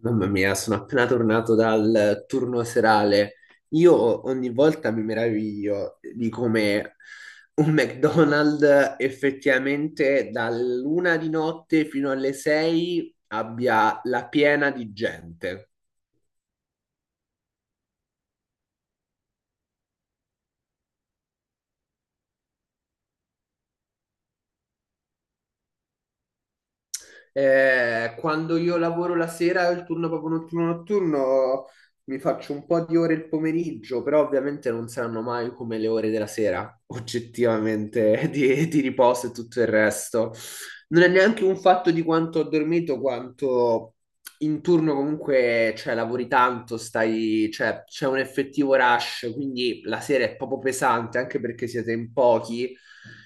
Mamma mia, sono appena tornato dal turno serale. Io ogni volta mi meraviglio di come un McDonald's effettivamente dall'una di notte fino alle sei abbia la piena di gente. Quando io lavoro la sera, il turno proprio notturno notturno, mi faccio un po' di ore il pomeriggio, però ovviamente non saranno mai come le ore della sera, oggettivamente, di riposo e tutto il resto. Non è neanche un fatto di quanto ho dormito, quanto in turno comunque, cioè, lavori tanto, stai, cioè, c'è un effettivo rush, quindi la sera è proprio pesante, anche perché siete in pochi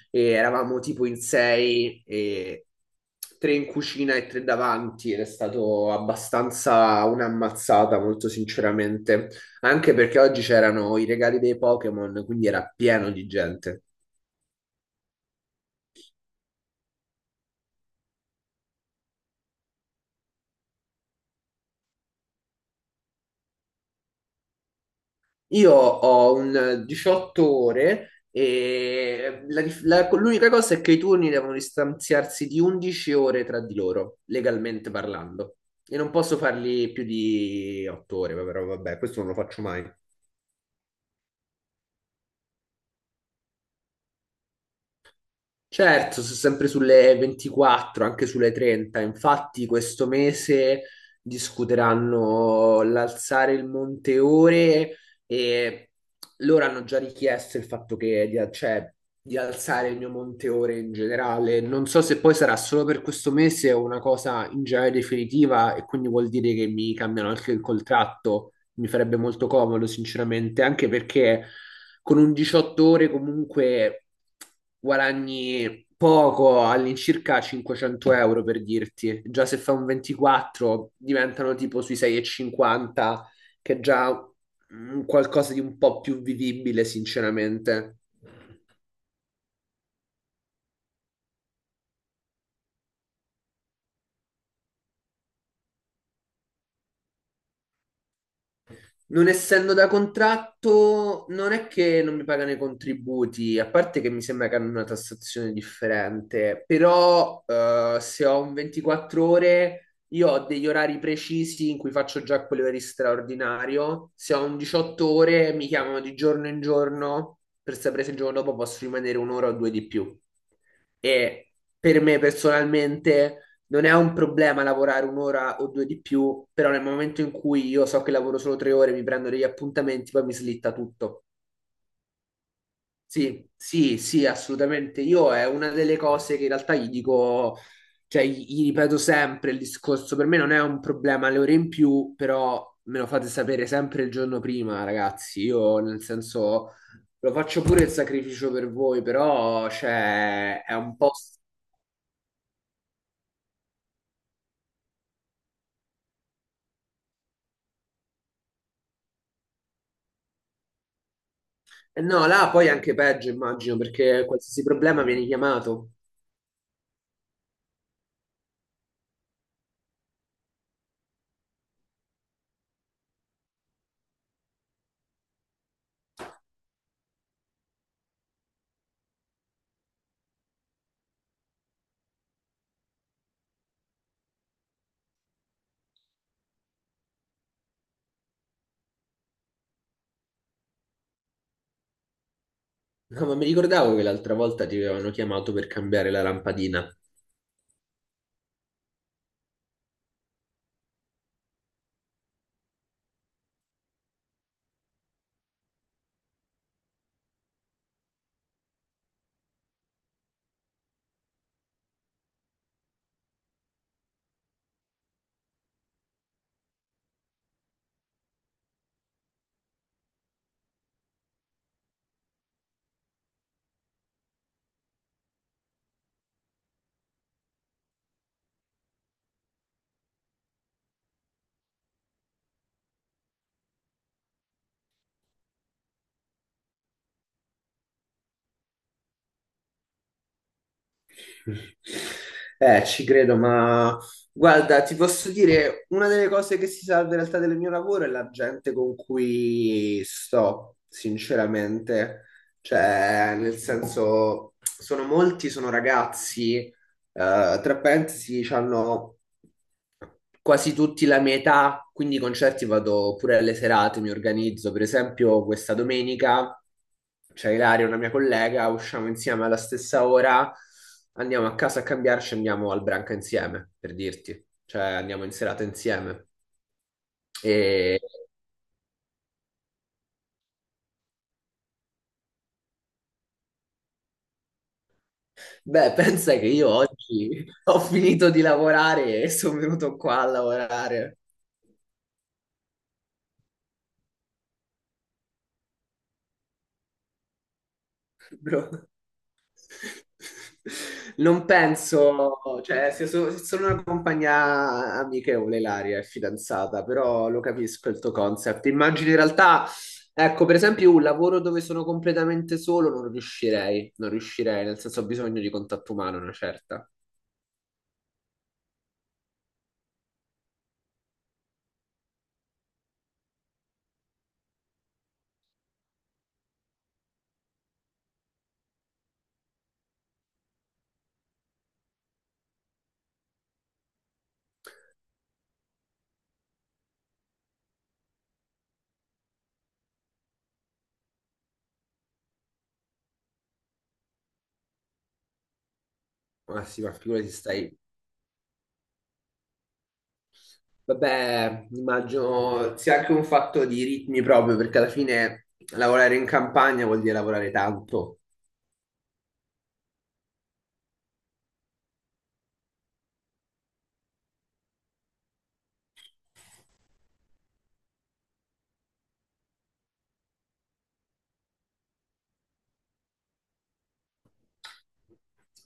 e eravamo tipo in sei, e tre in cucina e tre davanti ed è stato abbastanza un'ammazzata, molto sinceramente, anche perché oggi c'erano i regali dei Pokémon, quindi era pieno di gente. Io ho un 18 ore e l'unica cosa è che i turni devono distanziarsi di 11 ore tra di loro, legalmente parlando. E non posso farli più di 8 ore, però vabbè, questo non lo faccio mai. Certo, sono sempre sulle 24, anche sulle 30. Infatti, questo mese discuteranno l'alzare il monte ore e loro hanno già richiesto il fatto che cioè, di alzare il mio monte ore in generale. Non so se poi sarà solo per questo mese o una cosa in generale definitiva, e quindi vuol dire che mi cambiano anche il contratto. Mi farebbe molto comodo, sinceramente, anche perché con un 18 ore comunque guadagni poco, all'incirca 500 euro per dirti. Già se fa un 24 diventano tipo sui 6,50, che è già mm, qualcosa di un po' più vivibile, sinceramente. Non essendo da contratto, non è che non mi pagano i contributi, a parte che mi sembra che hanno una tassazione differente, però se ho un 24 ore, io ho degli orari precisi in cui faccio già quell'ora di straordinario, se ho un 18 ore mi chiamano di giorno in giorno per sapere se il giorno dopo posso rimanere un'ora o due di più. E per me personalmente non è un problema lavorare un'ora o due di più, però nel momento in cui io so che lavoro solo 3 ore, mi prendo degli appuntamenti, poi mi slitta tutto. Sì, sì, sì, assolutamente. Io è una delle cose che in realtà gli dico, cioè gli ripeto sempre il discorso, per me non è un problema le ore in più, però me lo fate sapere sempre il giorno prima, ragazzi. Io nel senso lo faccio pure il sacrificio per voi, però cioè, è un po'. No, là poi è anche peggio, immagino, perché qualsiasi problema viene chiamato. No, ma mi ricordavo che l'altra volta ti avevano chiamato per cambiare la lampadina. Ci credo, ma guarda, ti posso dire, una delle cose che si salva in realtà del mio lavoro è la gente con cui sto, sinceramente. Cioè, nel senso, sono molti, sono ragazzi. Tra parentesi, hanno quasi tutti la mia età, quindi i concerti vado pure alle serate, mi organizzo. Per esempio, questa domenica c'è Ilaria, una mia collega, usciamo insieme alla stessa ora, andiamo a casa a cambiarci, andiamo al Branca insieme, per dirti. Cioè, andiamo in serata insieme. E beh, pensa che io oggi ho finito di lavorare e sono venuto qua a lavorare, bro. Non penso, cioè, se sono una compagnia amichevole, Ilaria è fidanzata, però lo capisco il tuo concept. Immagino in realtà, ecco, per esempio, un lavoro dove sono completamente solo non riuscirei, non riuscirei, nel senso ho bisogno di contatto umano, una certa. Ma sì, ma figurati stai. Vabbè, immagino sia anche un fatto di ritmi proprio, perché alla fine lavorare in campagna vuol dire lavorare tanto.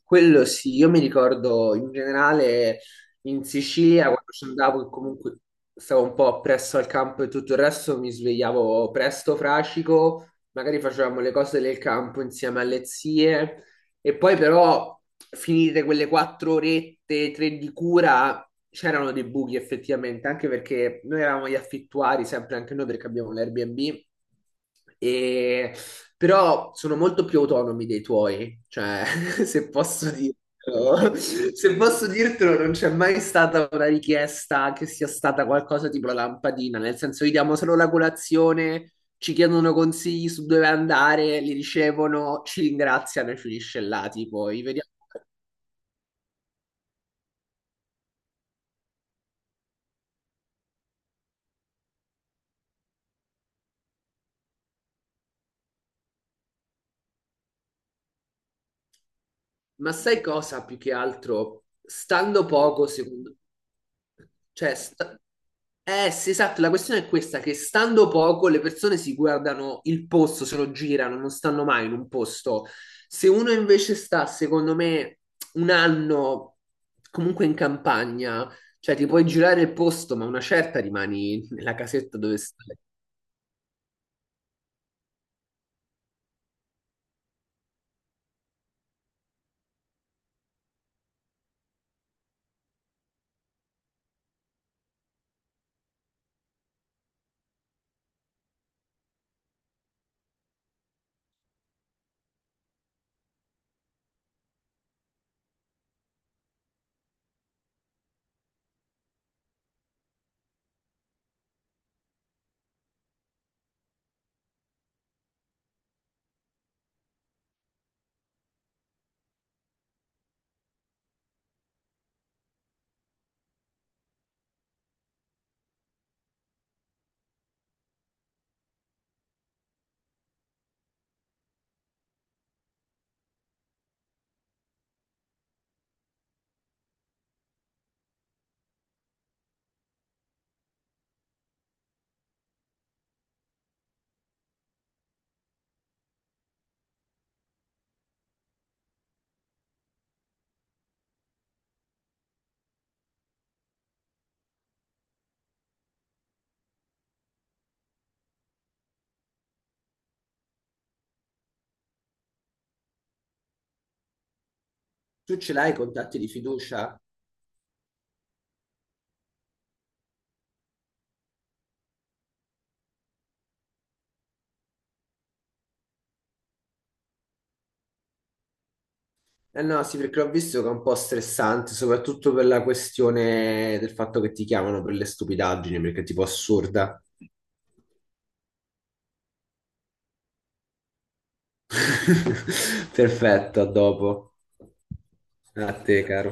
Quello sì, io mi ricordo in generale in Sicilia quando ci andavo, che comunque stavo un po' presso al campo e tutto il resto, mi svegliavo presto, fracico, magari facevamo le cose del campo insieme alle zie, e poi però finite quelle 4 orette, tre di cura, c'erano dei buchi effettivamente, anche perché noi eravamo gli affittuari, sempre anche noi perché abbiamo l'Airbnb. E però sono molto più autonomi dei tuoi, cioè se posso dirtelo, se posso dirtelo non c'è mai stata una richiesta che sia stata qualcosa tipo la lampadina, nel senso gli diamo solo la colazione, ci chiedono consigli su dove andare, li ricevono, ci ringraziano e finisce là, tipo, li vediamo. Ma sai cosa più che altro? Stando poco, secondo. Cioè, eh sì, esatto, la questione è questa, che stando poco le persone si guardano il posto, se lo girano, non stanno mai in un posto. Se uno invece sta, secondo me, un anno comunque in campagna, cioè ti puoi girare il posto, ma una certa rimani nella casetta dove stai. Tu ce l'hai i contatti di fiducia? Eh no, sì, perché ho visto che è un po' stressante, soprattutto per la questione del fatto che ti chiamano per le stupidaggini, perché è tipo assurda. Perfetto, a dopo. A te, caro.